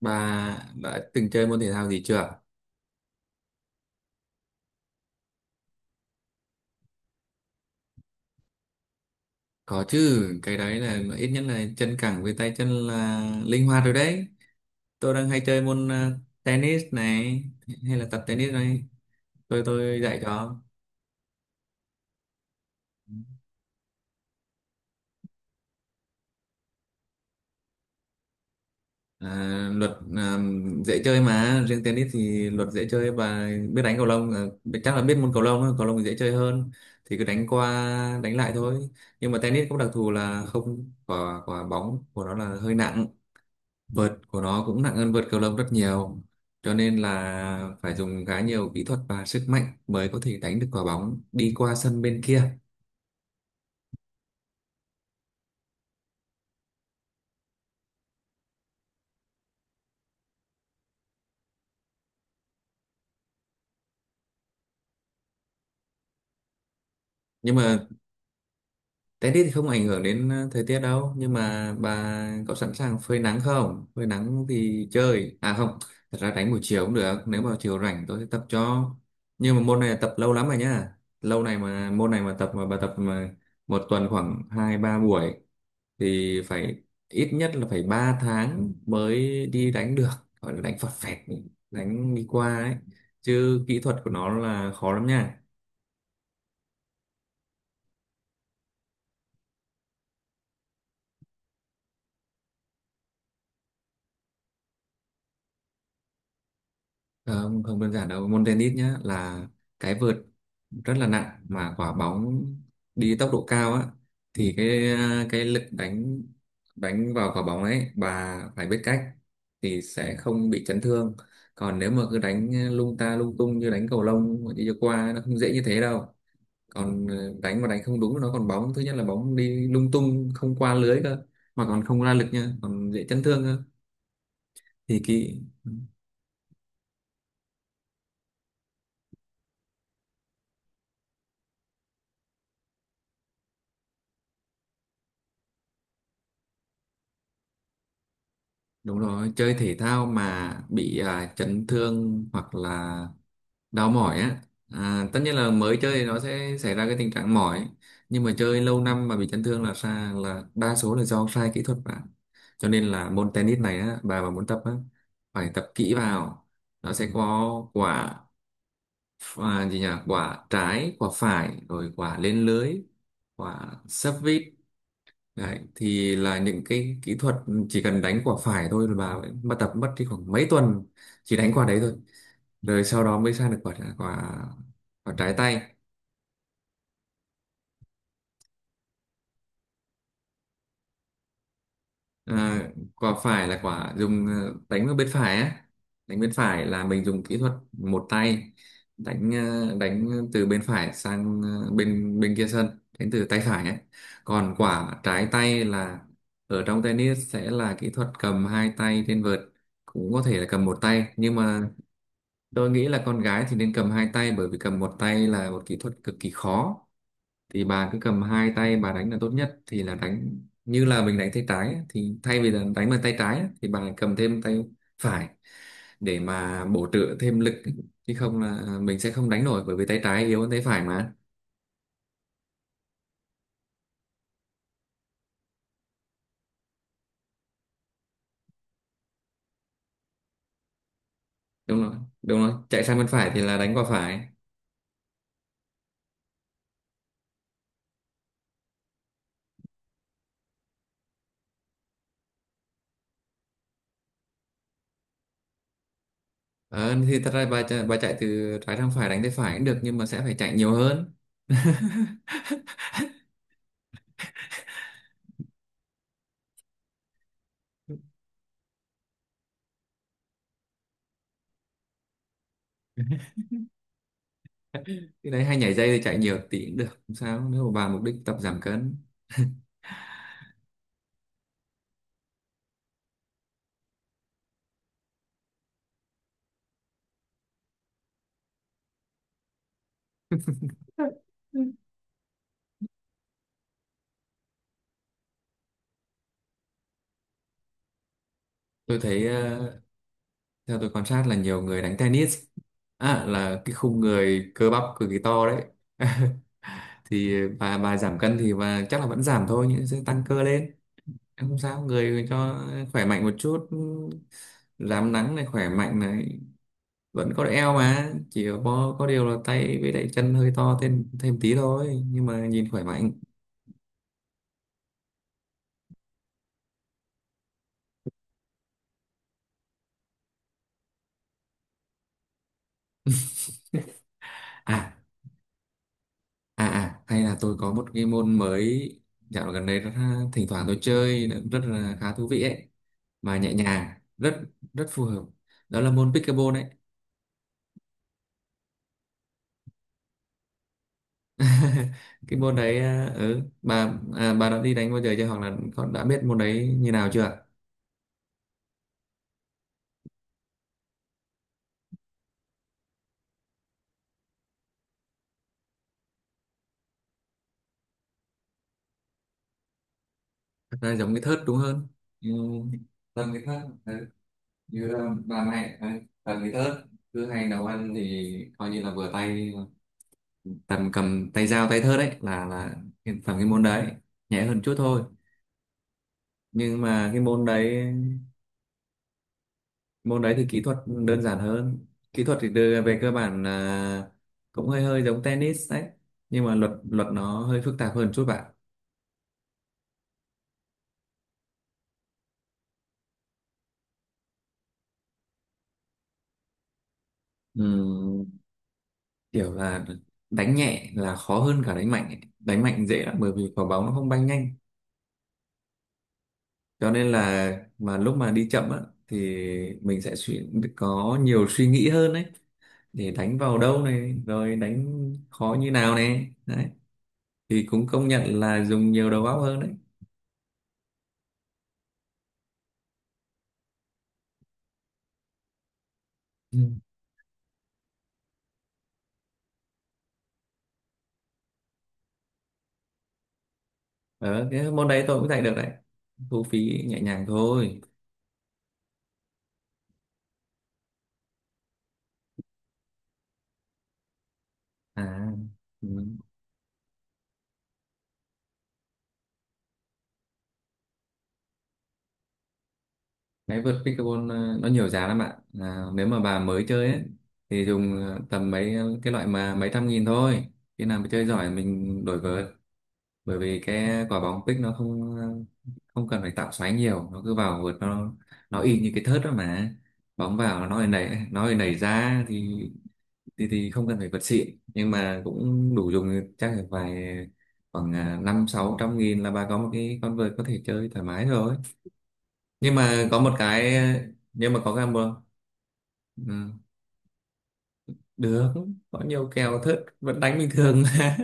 Bà đã từng chơi môn thể thao gì chưa? Có chứ, cái đấy là ít nhất là chân cẳng với tay chân là linh hoạt rồi đấy. Tôi đang hay chơi môn tennis này hay là tập tennis này. Tôi dạy cho. À, luật à, dễ chơi mà, riêng tennis thì luật dễ chơi và biết đánh cầu lông, chắc là biết môn cầu lông, á, cầu lông thì dễ chơi hơn. Thì cứ đánh qua đánh lại thôi. Nhưng mà tennis có đặc thù là không, quả quả bóng của nó là hơi nặng, vợt của nó cũng nặng hơn vợt cầu lông rất nhiều, cho nên là phải dùng khá nhiều kỹ thuật và sức mạnh mới có thể đánh được quả bóng đi qua sân bên kia. Nhưng mà tennis thì không ảnh hưởng đến thời tiết đâu, nhưng mà bà có sẵn sàng phơi nắng không? Phơi nắng thì chơi à, không, thật ra đánh buổi chiều cũng được, nếu mà chiều rảnh tôi sẽ tập cho. Nhưng mà môn này tập lâu lắm rồi nhá, lâu này mà môn này mà tập mà bà tập mà một tuần khoảng 2-3 buổi thì phải, ít nhất là phải 3 tháng mới đi đánh được, gọi là đánh phọt phẹt đánh đi qua ấy, chứ kỹ thuật của nó là khó lắm nha. Ờ, không, không đơn giản đâu môn tennis nhá, là cái vợt rất là nặng mà quả bóng đi tốc độ cao á, thì cái lực đánh đánh vào quả bóng ấy bà phải biết cách thì sẽ không bị chấn thương. Còn nếu mà cứ đánh lung ta lung tung như đánh cầu lông mà đi cho qua, nó không dễ như thế đâu. Còn đánh mà đánh không đúng, nó còn bóng, thứ nhất là bóng đi lung tung không qua lưới cơ, mà còn không ra lực nha, còn dễ chấn thương cơ. Thì kỹ. Đúng rồi, chơi thể thao mà bị chấn thương hoặc là đau mỏi á, tất nhiên là mới chơi thì nó sẽ xảy ra cái tình trạng mỏi, nhưng mà chơi lâu năm mà bị chấn thương là xa, là đa số là do sai kỹ thuật bạn. Cho nên là môn tennis này á, bà mà muốn tập á, phải tập kỹ vào. Nó sẽ có quả, gì nhỉ, quả trái, quả phải, rồi quả lên lưới, quả sấp vít. Đấy, thì là những cái kỹ thuật. Chỉ cần đánh quả phải thôi là bà tập mất đi khoảng mấy tuần, chỉ đánh quả đấy thôi, rồi sau đó mới sang được quả quả quả trái tay. À, quả phải là quả dùng đánh vào bên phải á. Đánh bên phải là mình dùng kỹ thuật một tay, đánh từ bên phải sang ờ, bên bên kia sân, đánh từ tay phải ấy. Còn quả trái tay là ở trong tennis sẽ là kỹ thuật cầm hai tay trên vợt, cũng có thể là cầm một tay, nhưng mà tôi nghĩ là con gái thì nên cầm hai tay bởi vì cầm một tay là một kỹ thuật cực kỳ khó. Thì bà cứ cầm hai tay bà đánh là tốt nhất, thì là đánh như là mình đánh tay trái ấy, thì thay vì là đánh bằng tay trái ấy, thì bà cầm thêm tay phải để mà bổ trợ thêm lực, chứ không là mình sẽ không đánh nổi bởi vì tay trái yếu hơn tay phải mà. Đúng rồi, đúng rồi. Chạy sang bên phải thì là đánh qua phải. Ờ, thì thật ra bà chạy từ trái sang phải đánh tay phải cũng được, nhưng mà sẽ phải chạy nhiều hơn. Cái đấy hay nhảy dây thì chạy nhiều tí cũng được, không sao, nếu mà bà mục đích tập giảm cân. Tôi thấy, theo tôi quan sát là nhiều người đánh tennis là cái khung người cơ bắp cực kỳ to đấy. Thì bà giảm cân thì bà chắc là vẫn giảm thôi, nhưng sẽ tăng cơ lên. Em không sao, người cho khỏe mạnh một chút, rám nắng này, khỏe mạnh này, vẫn có eo mà, chỉ có điều là tay với lại chân hơi to thêm thêm tí thôi, nhưng mà nhìn khỏe mạnh. à Hay là tôi có một cái môn mới, dạo gần đây rất thỉnh thoảng tôi chơi, rất là khá thú vị ấy, mà nhẹ nhàng, rất rất phù hợp, đó là môn pickleball đấy. Cái môn đấy ừ, bà đã đi đánh bao giờ chưa, hoặc là con đã biết môn đấy như nào chưa? Thật ra giống cái thớt đúng hơn. Ừ, tầm cái thớt. Ừ. Như là bà này. Ừ. Tầm cái thớt, cứ hay nấu ăn thì coi như là vừa tay, tầm cầm tay dao tay thớt đấy, là tầm cái môn đấy, nhẹ hơn chút thôi. Nhưng mà cái môn đấy thì kỹ thuật đơn giản hơn, kỹ thuật thì đưa về cơ bản là cũng hơi hơi giống tennis đấy, nhưng mà luật luật nó hơi phức tạp hơn chút bạn. Ừm, kiểu là đánh nhẹ là khó hơn cả đánh mạnh ấy. Đánh mạnh dễ lắm bởi vì quả bóng nó không bay nhanh, cho nên là mà lúc mà đi chậm á, thì mình sẽ có nhiều suy nghĩ hơn đấy, để đánh vào đâu này, rồi đánh khó như nào này đấy, thì cũng công nhận là dùng nhiều đầu óc hơn đấy. Ờ, cái môn đấy tôi cũng dạy được đấy. Thu phí nhẹ nhàng thôi. À, ừ. Cái vợt pickleball nó nhiều giá lắm bạn. À, nếu mà bà mới chơi ấy, thì dùng tầm mấy, cái loại mà mấy trăm nghìn thôi. Khi nào mà chơi giỏi mình đổi vợt. Bởi vì cái quả bóng pick nó không cần phải tạo xoáy nhiều. Nó cứ vào vợt, nó y như cái thớt đó mà. Bóng vào nó lại nảy, nó lại nảy ra thì không cần phải vật xịn, nhưng mà cũng đủ dùng, chắc là vài khoảng, năm sáu trăm nghìn là bà có một cái con vợt có thể chơi thoải mái rồi. Nhưng mà có một cái, nhưng mà có cái một, ừ, được. Có nhiều kèo thớt vẫn đánh bình thường mà.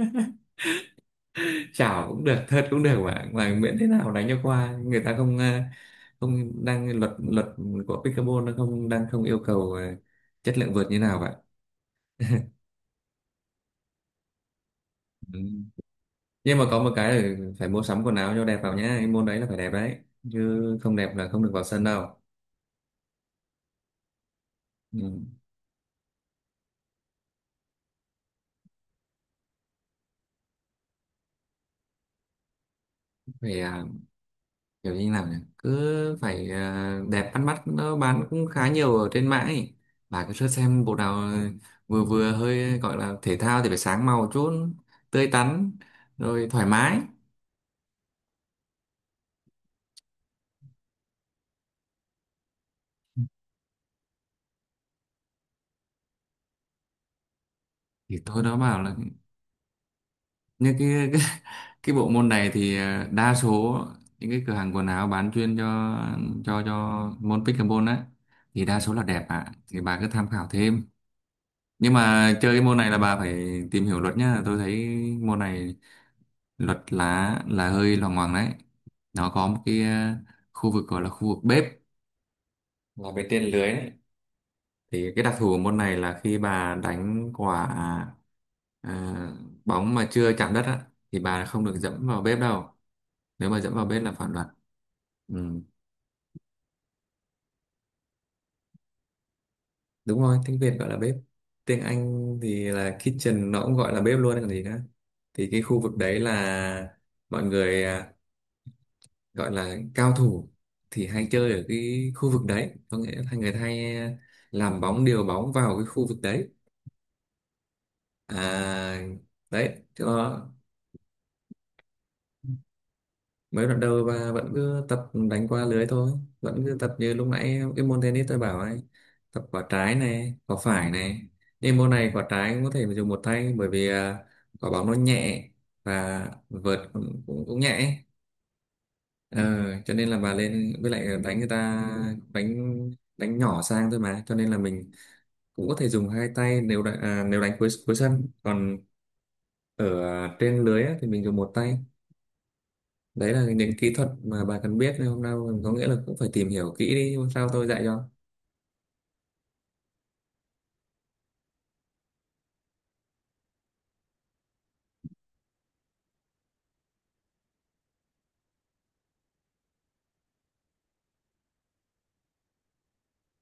Chảo cũng được, thớt cũng được, mà miễn thế nào đánh cho qua người ta không, không đang luật luật của pickleball nó không đang không yêu cầu, chất lượng vợt như nào vậy. Ừ. Nhưng mà có một cái là phải mua sắm quần áo cho đẹp vào nhá, cái môn đấy là phải đẹp đấy, chứ không đẹp là không được vào sân đâu. Ừ. Phải, kiểu như nào nhỉ, cứ phải, đẹp bắt mắt, nó bán cũng khá nhiều ở trên mạng ấy, bà cứ search xem bộ nào vừa vừa hơi gọi là thể thao thì phải sáng màu chút, tươi tắn, rồi thoải mái. Thì tôi nó bảo là như cái cái bộ môn này thì đa số những cái cửa hàng quần áo bán chuyên cho cho môn pickleball á, thì đa số là đẹp ạ, thì bà cứ tham khảo thêm. Nhưng mà chơi cái môn này là bà phải tìm hiểu luật nhá, tôi thấy môn này luật lá là hơi loằng ngoằng đấy. Nó có một cái, khu vực gọi là khu vực bếp, là bên trên lưới đấy. Thì cái đặc thù của môn này là khi bà đánh quả, ờ, bóng mà chưa chạm đất á, thì bà không được dẫm vào bếp đâu, nếu mà dẫm vào bếp là phản luật. Ừ. Đúng rồi, tiếng Việt gọi là bếp, tiếng Anh thì là kitchen, nó cũng gọi là bếp luôn còn gì nữa. Thì cái khu vực đấy là mọi người, gọi là cao thủ thì hay chơi ở cái khu vực đấy, có nghĩa là người ta hay, làm bóng điều bóng vào cái khu vực đấy, à đấy cho. Mới đoạn đầu và vẫn cứ tập đánh qua lưới thôi, vẫn cứ tập như lúc nãy cái môn tennis tôi bảo ấy, tập quả trái này quả phải này. Nhưng môn này quả trái cũng có thể dùng một tay bởi vì, quả bóng nó nhẹ và vợt cũng nhẹ ấy. Ờ, cho nên là bà lên với lại đánh, người ta đánh đánh nhỏ sang thôi mà, cho nên là mình cũng có thể dùng hai tay nếu đánh, à, nếu đánh cuối cuối sân, còn ở trên lưới á, thì mình dùng một tay. Đấy là những kỹ thuật mà bà cần biết nên hôm nay, có nghĩa là cũng phải tìm hiểu kỹ đi, hôm sau tôi dạy cho.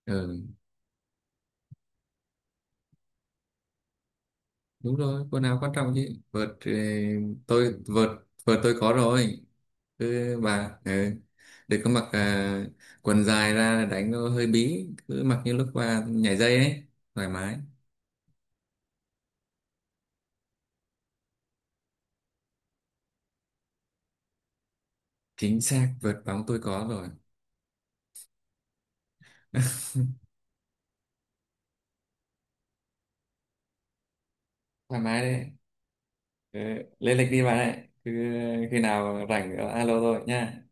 Ừ, đúng rồi quần áo quan trọng chứ vợt, tôi vợt vợt tôi có rồi. Cứ bà, ừ, đừng có mặc, quần dài ra là đánh nó hơi bí, cứ mặc như lúc bà nhảy dây ấy, thoải mái. Chính xác vợt bóng tôi có rồi. Thoải mái đấy. Ừ, lên lịch đi bà đấy, cứ khi nào rảnh alo tôi nha.